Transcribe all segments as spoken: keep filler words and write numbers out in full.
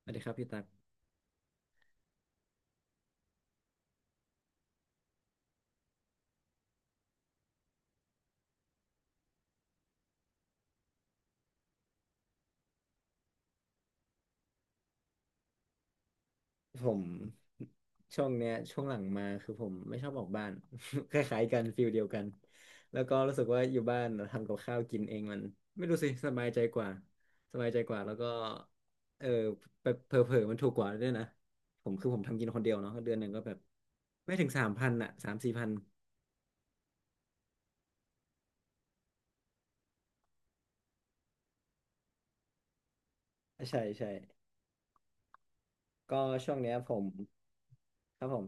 สวัสดีครับพี่ตักผมช่วงเนี้ยช่วงหลังมาคือผมไม่ชอบออกบ้าน คล้ายๆกันฟิลเดียวกันแล้วก็รู้สึกว่าอยู่บ้านทำกับข้าวกินเองมันไม่รู้สิสบายใจกว่าสบายใจกว่าแล้วก็เออเผลอๆมันถูกกว่าด้วยนะผมคือผมทำกินคนเดียวเนาะเดือนหนึ่งก็แบบไม่ถึงสามพันอะสามสี่พันใช่ใช่ก็ช่วงเนี้ยผมครับผม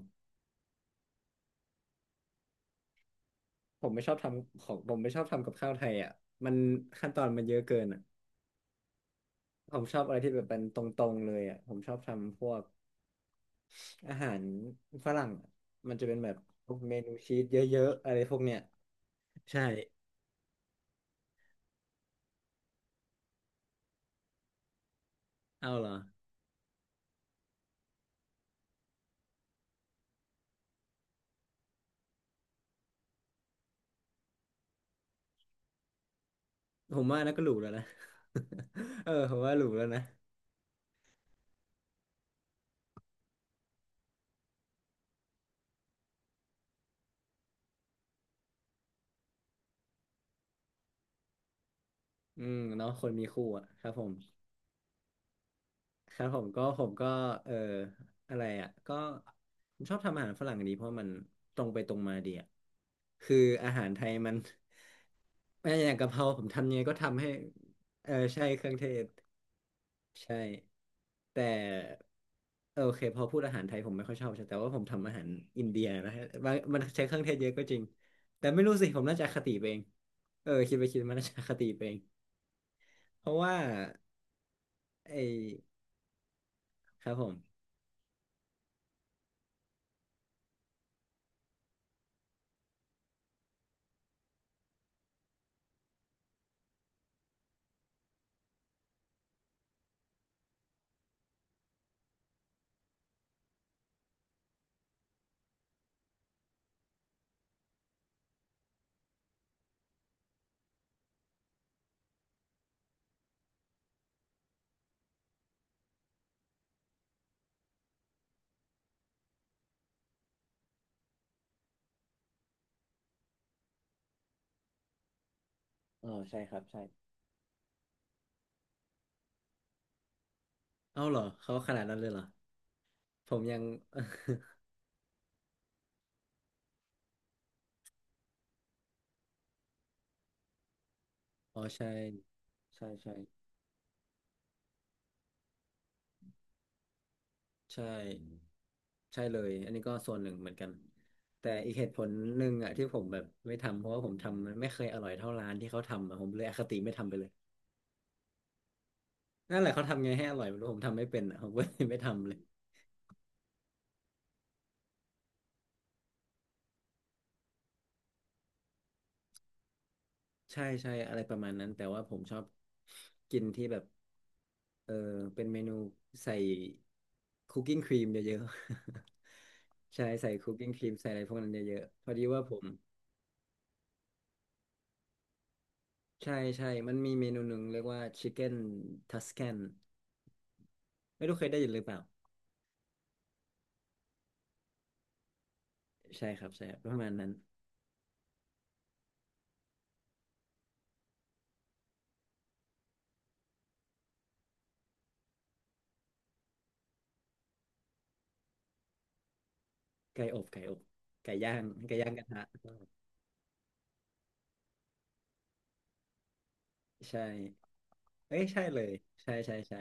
ผมไม่ชอบทำของผมไม่ชอบทำกับข้าวไทยอ่ะมันขั้นตอนมันเยอะเกินอ่ะ ผมชอบอะไรที่แบบเป็นตรงๆเลยอ่ะผมชอบทำพวกอาหารฝรั่งอะมันจะเป็นแบบพวกเมนูชีสเยอะๆอะไรพวกเนี้ยใช่เอาเหรอผมว่านะก็หรูแล้วนะ เออผมว่าหรูแล้วนะอืมเนาะคนมีคู่อ่ะครับผม ครับผมก็ผมก็เอออะไรอ่ะก็ผมชอบทำอาหารฝรั่งดีเพราะมันตรงไปตรงมาดีอ่ะคืออาหารไทยมัน ไม่อย่างกะเพราผมทำยังไงก็ทำให้เออใช่เครื่องเทศใช่แต่เออโอเคพอพูดอาหารไทยผมไม่ค่อยชอบใช่แต่ว่าผมทำอาหารอินเดียนะฮะบางมันใช้เครื่องเทศเยอะก็จริงแต่ไม่รู้สิผมน่าจะอคติไปเองเออคิดไปคิดมาน่าจะอคติไปเองเพราะว่าไอครับผมอ๋อใช่ครับใช่ เอาเหรอเขาขนาดนั้นเลยเหรอผมยัง อ๋อใช่ใช่ใช่ใช่ใช่เลยอันนี้ก็ส่วนหนึ่งเหมือนกันแต่อีกเหตุผลหนึ่งอ่ะที่ผมแบบไม่ทำเพราะว่าผมทำมันไม่เคยอร่อยเท่าร้านที่เขาทำอะผมเลยอคติไม่ทำไปเลยนั่นแหละเขาทำไงให้อร่อยไม่รู้ผมทำไม่เป็นอะผมก็เลยไม่ทำเลย ใช่ใช่อะไรประมาณนั้นแต่ว่าผมชอบกินที่แบบเออเป็นเมนูใส่คุกกิ้งครีมเยอะๆ ใช่ใส่คุกกิ้งครีมใส่อะไรพวกนั้นเยอะๆพอดีว่าผมใช่ใช่มันมีเมนูหนึ่งเรียกว่าชิคเก้นทัส a คนไม่รู้เคยได้ยินหรือเปล่าใช่ครับใช่ครับประมาณนั้นไก่อบไก่อบไก่ย่างไก่ย่างกระทะใช่เอ้ยใช่เลยใช่ใช่ใช่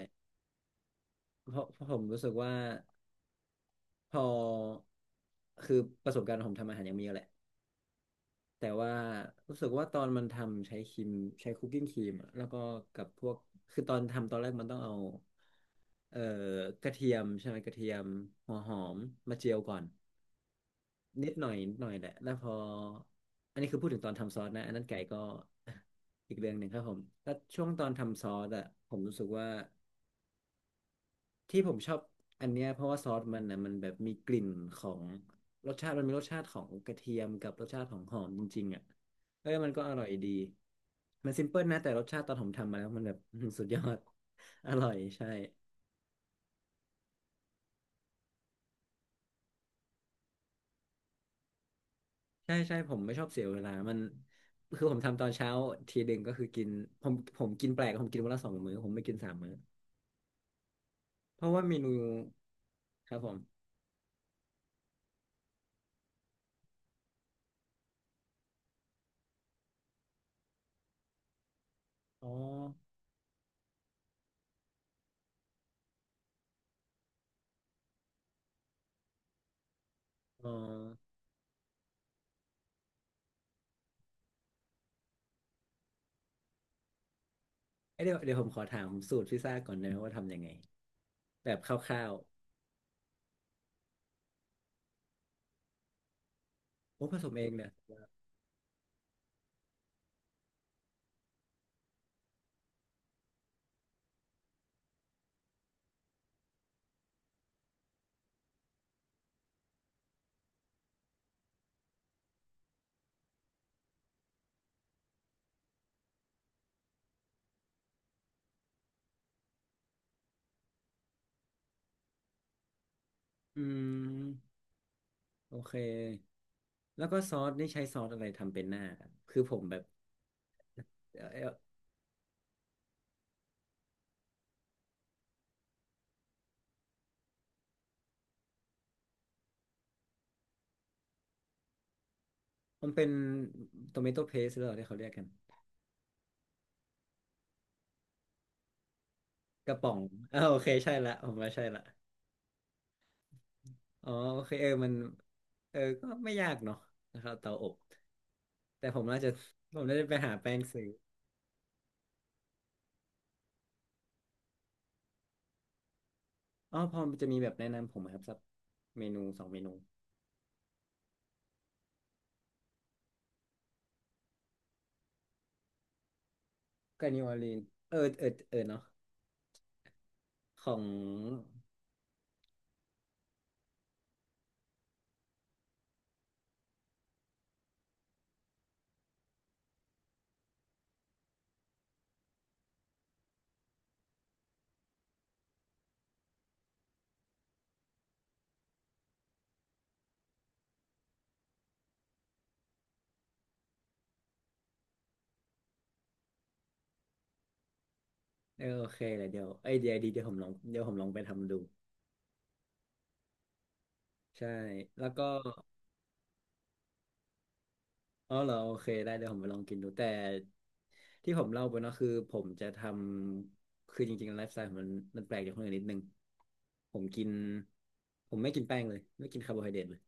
เพราะเพราะผมรู้สึกว่า พอคือประสบการณ์ผมทำอาหารยังมีเยอะแหละแต่ว่ารู้สึกว่าตอนมันทำใช้ครีมใช้คุกกิ้งครีมอะแล้วก็กับพวกคือตอนทำตอนแรกมันต้องเอาเอ่อกระเทียมใช่ไหมกระเทียมหัวหอมมาเจียวก่อนนิดหน่อยนิดหน่อยแหละแล้วพออันนี้คือพูดถึงตอนทำซอสนะอันนั้นไก่ก็ อีกเรื่องหนึ่งครับผมแล้วช่วงตอนทำซอสอะผมรู้สึกว่า ที่ผมชอบอันเนี้ยเพราะว่าซอสมันนะมันแบบมีกลิ่นของรสชาติมันมีรสชาติของกระเทียมกับรสชาติของหอมจริงๆอ่ะเออมันก็อร่อยดีมันซิมเพิลนะแต่รสชาติตอนผมทำมาแล้วมันแบบอื้อหือสุดยอด อร่อยใช่ใช่ใช่ผมไม่ชอบเสียเวลามันคือผมทำตอนเช้าทีหนึ่งก็คือกินผมผมกินแปลกผมกินวันละสองมื้อผมไม่กินสามมื้อเพราะว่าเมนูครับผมอ๋ออ๋อ เอ้ยเดี๋ยวเดี๋ยวผมขอถามสูตรพิซซ่าก่อนนะว่าทำยังไงแบบคร่าวๆโอ้ผสมเองเนี่ยอืมโอเคแล้วก็ซอสนี่ใช้ซอสอะไรทำเป็นหน้าครับคือผมแบบเออมันเป็นโ o เมโต p เพสหรือเปล่าที่เขาเรียกกันกระป๋องอ่าโอเคใช่ละผมว่าใช่ละอ๋อโอเคเออมันเออก็ไม่ยากเนาะนะครับเตาอบแต่ผมน่าจะ ผมน่าจะไปหาแป้งซื้ออ๋อพอจะมีแบบแนะนำผมไหมครับสักเมนูสองเมนู กับนิวออร์ลีนเออเออเออเนาะของเออโอเคเลยเดี๋ยวไอเดียดีเดี๋ยวผมลองเดี๋ยวผมลองไปทำดูใช่แล้วก็อ๋อเหรอโอเคได้เดี๋ยวผมไปลองกินดูแต่ที่ผมเล่าไปเนาะคือผมจะทำคือจริงๆไลฟ์สไตล์ผมมันมันแปลกจากคนอื่นนิดนึงผมกินผมไม่กินแป้งเลยไม่กินคาร์โบไฮเดรตเลย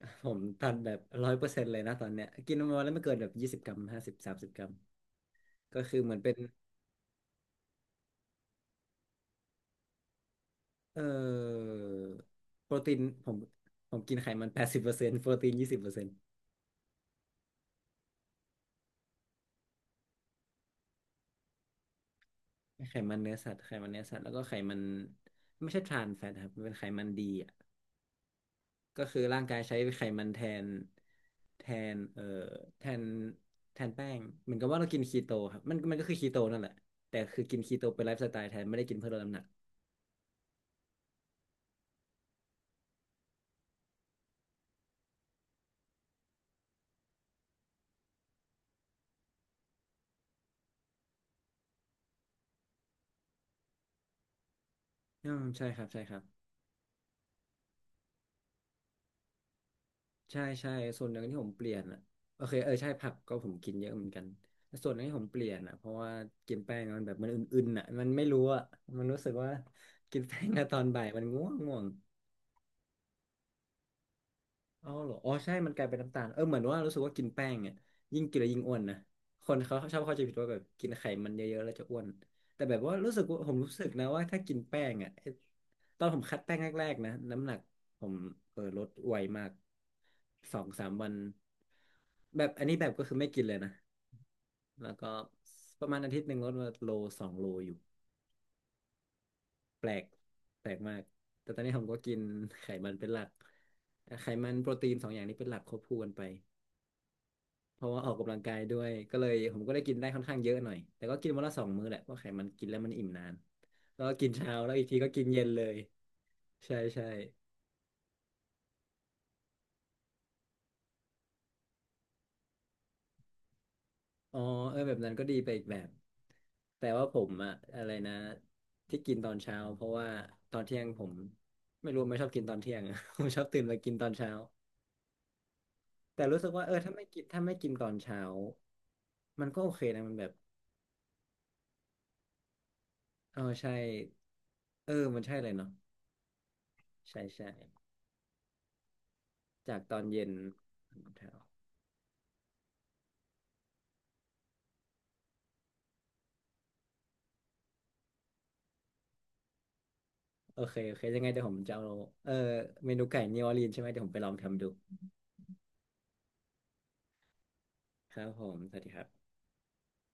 ผมตันแบบร้อยเปอร์เซ็นต์เลยนะตอนเนี้ยกินประมาณแล้วไม่เกินแบบยี่สิบกรัมห้าสิบสามสิบกรัมก็คือเหมือนเป็น เอ่อโปรตีนผมผมกินไขมันแปดสิบเปอร์เซ็นต์โปรตีนยี่สิบเปอร์เซ็นต์ไขมันเนื้อสัตว์ไขมันเนื้อสัตว์แล้วก็ไขมันไม่ใช่ทรานแฟตครับมันเป็นไขมันดีอ่ะก็คือร่างกายใช้ไขมันแทนแทนเอ่อแทนแทนแป้งเหมือนกับว่าเรากินคีโตครับมันมันก็คือคีโตนั่นแหละแต่คือกินคีโตเป็นไลฟ์สไตล์แทนไม่ได้กินเพื่อลดน้ำหนักอืมใช่ครับใช่ครับ ใช่ใช่ส่วนหนึ่งที่ผมเปลี่ยนอ่ะโอเคเออใช่ผักก็ผมกินเยอะเหมือนกันแต่ส่วนหนึ่งที่ผมเปลี่ยนอ่ะเพราะว่ากินแป้งมันแบบมันอึนๆอ่ะมันไม่รู้อ่ะมันรู้สึกว่ากินแป้งอะตอนบ่ายมันง่วงง่วง อ๋อเหรออ๋อใช่ มันกลายเป็นน้ำตาลเออเหมือนว่ารู้สึกว่ากินแป้งเนี่ยยิ่งกินแล้วยิ่งอ้วนนะคนเขาชอบเข้าใจผิดว่าแบบกินไขมันเยอะๆแล้วจะอ้วน แต่แบบว่ารู้สึกว่าผมรู้สึกนะว่าถ้ากินแป้งอ่ะไอ้ตอนผมคัดแป้งแรกๆนะน้ำหนักผมเออลดไวมากสองสามวัน แบบอันนี้แบบก็คือไม่กินเลยนะ แล้วก็ประมาณอาทิตย์หนึ่งลดมาโลสองโลอยู่ แปลกแปลกมากแต่ตอนนี้ผมก็กินไขมันเป็นหลักไขมันโปรตีนสองอย่างนี้เป็นหลักควบคู่กันไป เพราะว่าออกกำลังกายด้วยก็เลยผมก็ได้กินได้ค่อนข้างเยอะหน่อยแต่ก็กินวันละสองมื้อแหละเพราะไขมันกินแล้วมันอิ่มนานแล้วก็กินเช้าแล้วอีกทีก็กินเย็นเลยใช่ใช่อ๋อเออแบบนั้นก็ดีไปอีกแบบแต่ว่าผมอะอะไรนะที่กินตอนเช้าเพราะว่าตอนเที่ยงผมไม่รู้ไม่ชอบกินตอนเที่ยงอะ ผมชอบตื่นมากินตอนเช้าแต่รู้สึกว่าเออถ้าไม่กินถ้าไม่กินตอนเช้ามันก็โอเคนะมันแบบเออใช่เออมันใช่เลยเนาะใช่ใช่จากตอนเย็นตอนเช้า โอเค โอเค ยังไงเดี๋ยวผมจะเอาเออเมนูไก่นิวออร์ลีนใช่ไหมเดี๋ยวผมไปลองทำดู ครับผม สวัสดีครับ